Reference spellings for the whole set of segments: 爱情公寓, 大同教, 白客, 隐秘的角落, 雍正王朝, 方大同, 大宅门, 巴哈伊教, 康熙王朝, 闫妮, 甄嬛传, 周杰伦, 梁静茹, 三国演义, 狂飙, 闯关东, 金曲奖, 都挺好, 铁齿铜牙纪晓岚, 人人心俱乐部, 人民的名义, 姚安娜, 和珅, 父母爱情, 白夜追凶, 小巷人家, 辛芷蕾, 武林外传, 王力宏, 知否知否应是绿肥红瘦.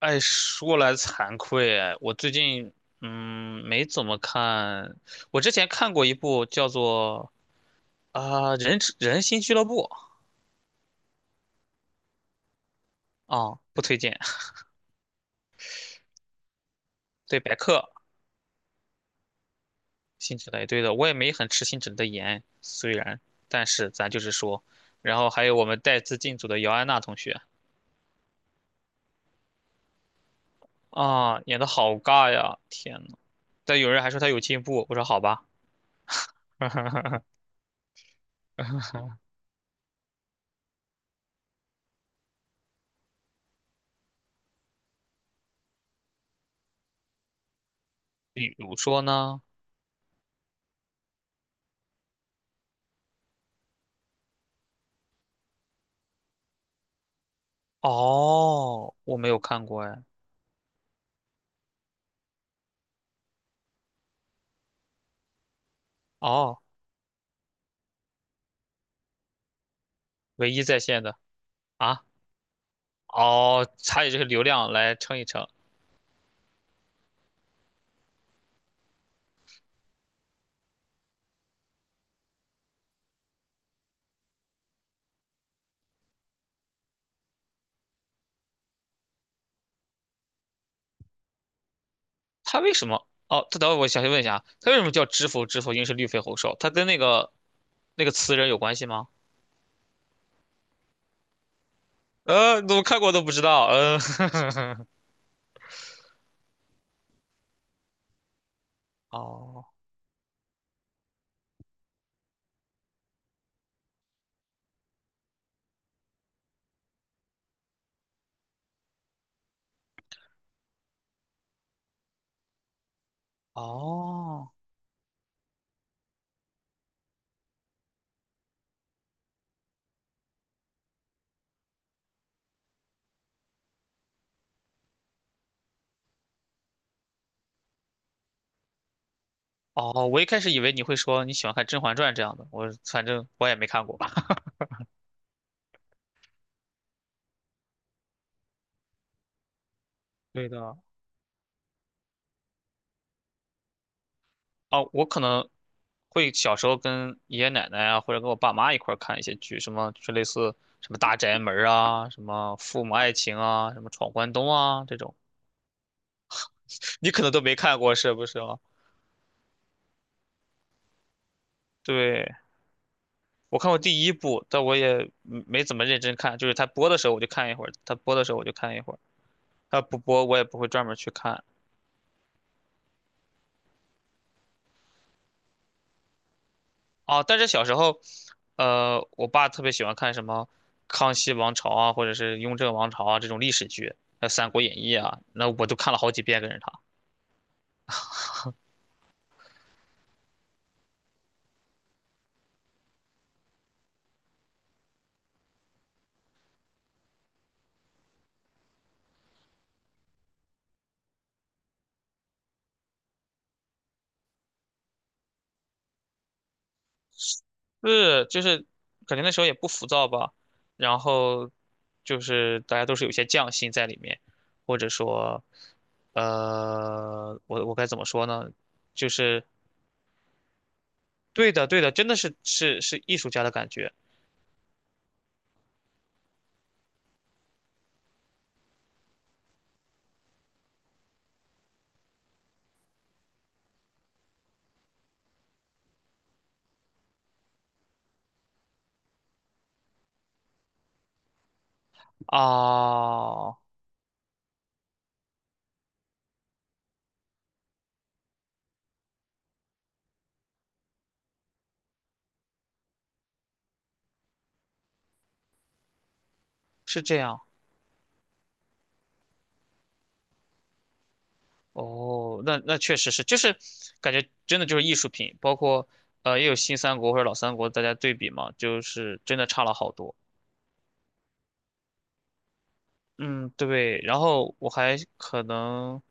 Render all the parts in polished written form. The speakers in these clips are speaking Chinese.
哎，说来惭愧啊，我最近没怎么看。我之前看过一部叫做人人心俱乐部。啊、不推荐。对白客、辛芷蕾，对的，我也没很吃辛芷蕾的颜，虽然，但是咱就是说。然后还有我们带资进组的姚安娜同学啊，演的好尬呀！天呐，但有人还说她有进步，我说好吧。比如说呢？哦，我没有看过哎。哦，唯一在线的。啊，哦，它以就是流量来称一称。他为什么？哦，他等会我想问一下啊，他为什么叫知否知否，应是绿肥红瘦？他跟那个词人有关系吗？怎么看过都不知道。嗯。哦哦哦，我一开始以为你会说你喜欢看《甄嬛传》这样的，我反正我也没看过。对的。啊，我可能会小时候跟爷爷奶奶啊，或者跟我爸妈一块儿看一些剧，什么就是类似什么《大宅门》啊，什么《父母爱情》啊，什么《闯关东》啊这种，你可能都没看过是不是啊？对，我看过第一部，但我也没怎么认真看，就是他播的时候我就看一会儿，它播的时候我就看一会儿，它不播我也不会专门去看。啊，但是小时候，我爸特别喜欢看什么《康熙王朝》啊，或者是《雍正王朝》啊这种历史剧，还有三国演义》啊，那我都看了好几遍跟着他。是，就是感觉那时候也不浮躁吧，然后就是大家都是有些匠心在里面，或者说，我该怎么说呢？就是对的，对的，真的是艺术家的感觉啊，是这样。哦，那确实是，就是感觉真的就是艺术品，包括也有新三国或者老三国，大家对比嘛，就是真的差了好多。嗯，对。然后我还可能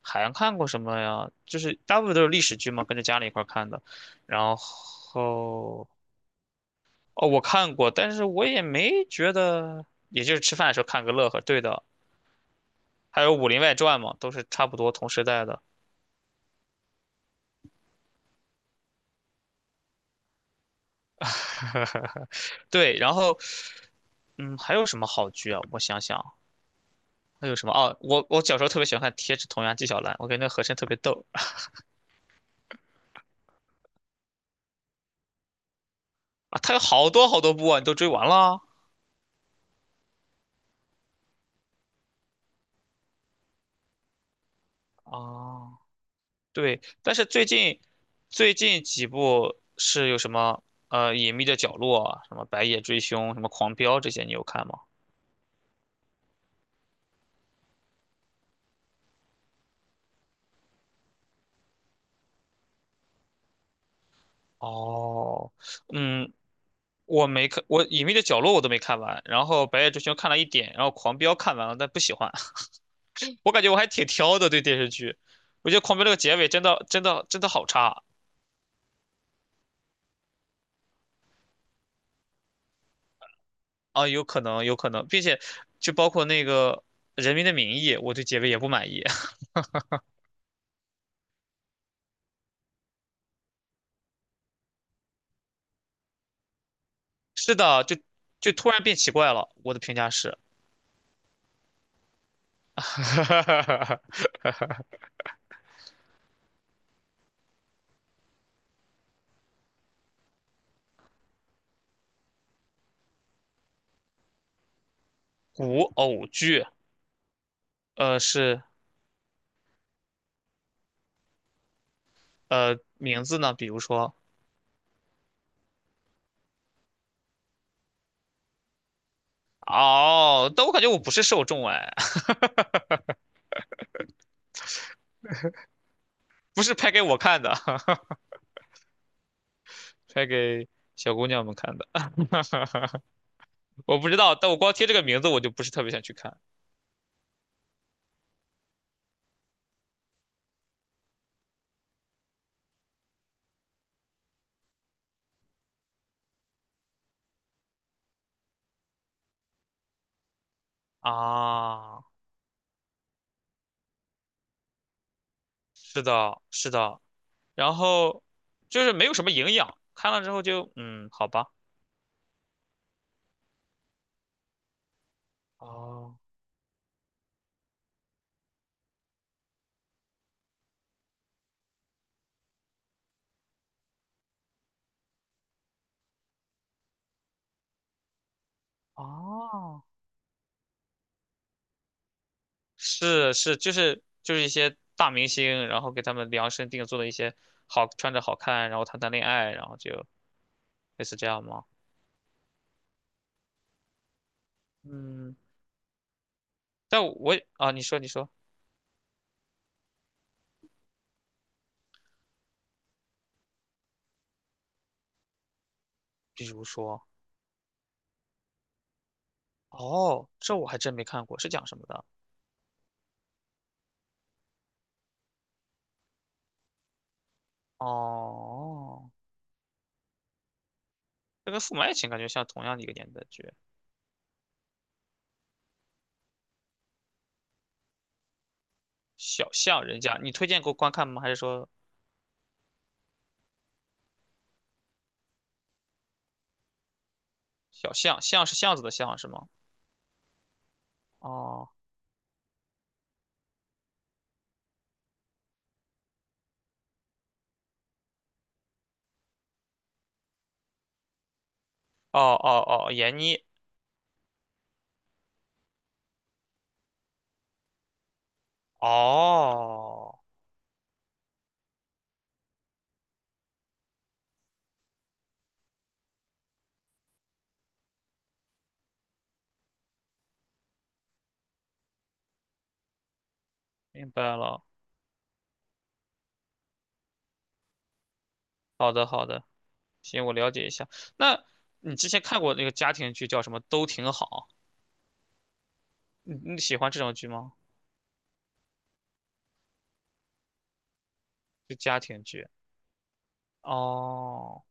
还看过什么呀？就是大部分都是历史剧嘛，跟着家里一块儿看的。然后哦，我看过，但是我也没觉得，也就是吃饭的时候看个乐呵。对的，还有《武林外传》嘛，都是差不多同时代的。对，然后嗯，还有什么好剧啊？我想想。还有什么？啊？我小时候特别喜欢看《铁齿铜牙纪晓岚》，我感觉那个和珅特别逗啊。他有好多好多部啊，你都追完了？啊？对，但是最近几部是有什么《隐秘的角落》啊、什么《白夜追凶》、什么《狂飙》这些，你有看吗？哦，嗯，我没看，我《隐秘的角落》我都没看完，然后《白夜追凶》看了一点，然后《狂飙》看完了，但不喜欢。我感觉我还挺挑的，对电视剧，我觉得《狂飙》这个结尾真的真的真的好差。啊，有可能，有可能，并且就包括那个《人民的名义》，我对结尾也不满意。是的，就突然变奇怪了。我的评价是，古偶剧，是名字呢，比如说，哦，但我感觉我不是受众哎，不是拍给我看的，拍给小姑娘们看的。我不知道，但我光听这个名字，我就不是特别想去看啊。是的，是的，然后就是没有什么营养，看了之后就好吧，哦哦，是是，就是一些大明星，然后给他们量身定做的一些好穿着好看，然后谈谈恋爱，然后就类似这样吗？嗯，但我啊，你说你说，比如说哦，这我还真没看过，是讲什么的？哦，这跟《父母爱情》感觉像同样的一个年代剧，《小巷人家》，你推荐给我观看吗？还是说小巷巷是巷子的巷是吗？哦，哦哦哦，闫妮。哦，明白了。好的，好的，行，我了解一下。那你之前看过那个家庭剧叫什么？都挺好。你喜欢这种剧吗？就家庭剧。哦，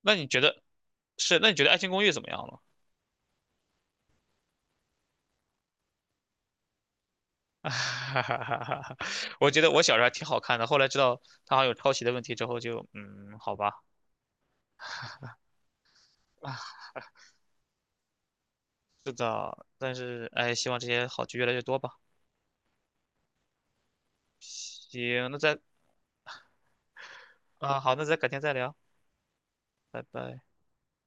那你觉得是？那你觉得《爱情公寓》怎么样了？我觉得我小时候还挺好看的，后来知道它好像有抄袭的问题之后就，嗯，好吧。是的，但是哎，希望这些好剧越来越多吧。行，啊，好，那再改天再聊。拜拜。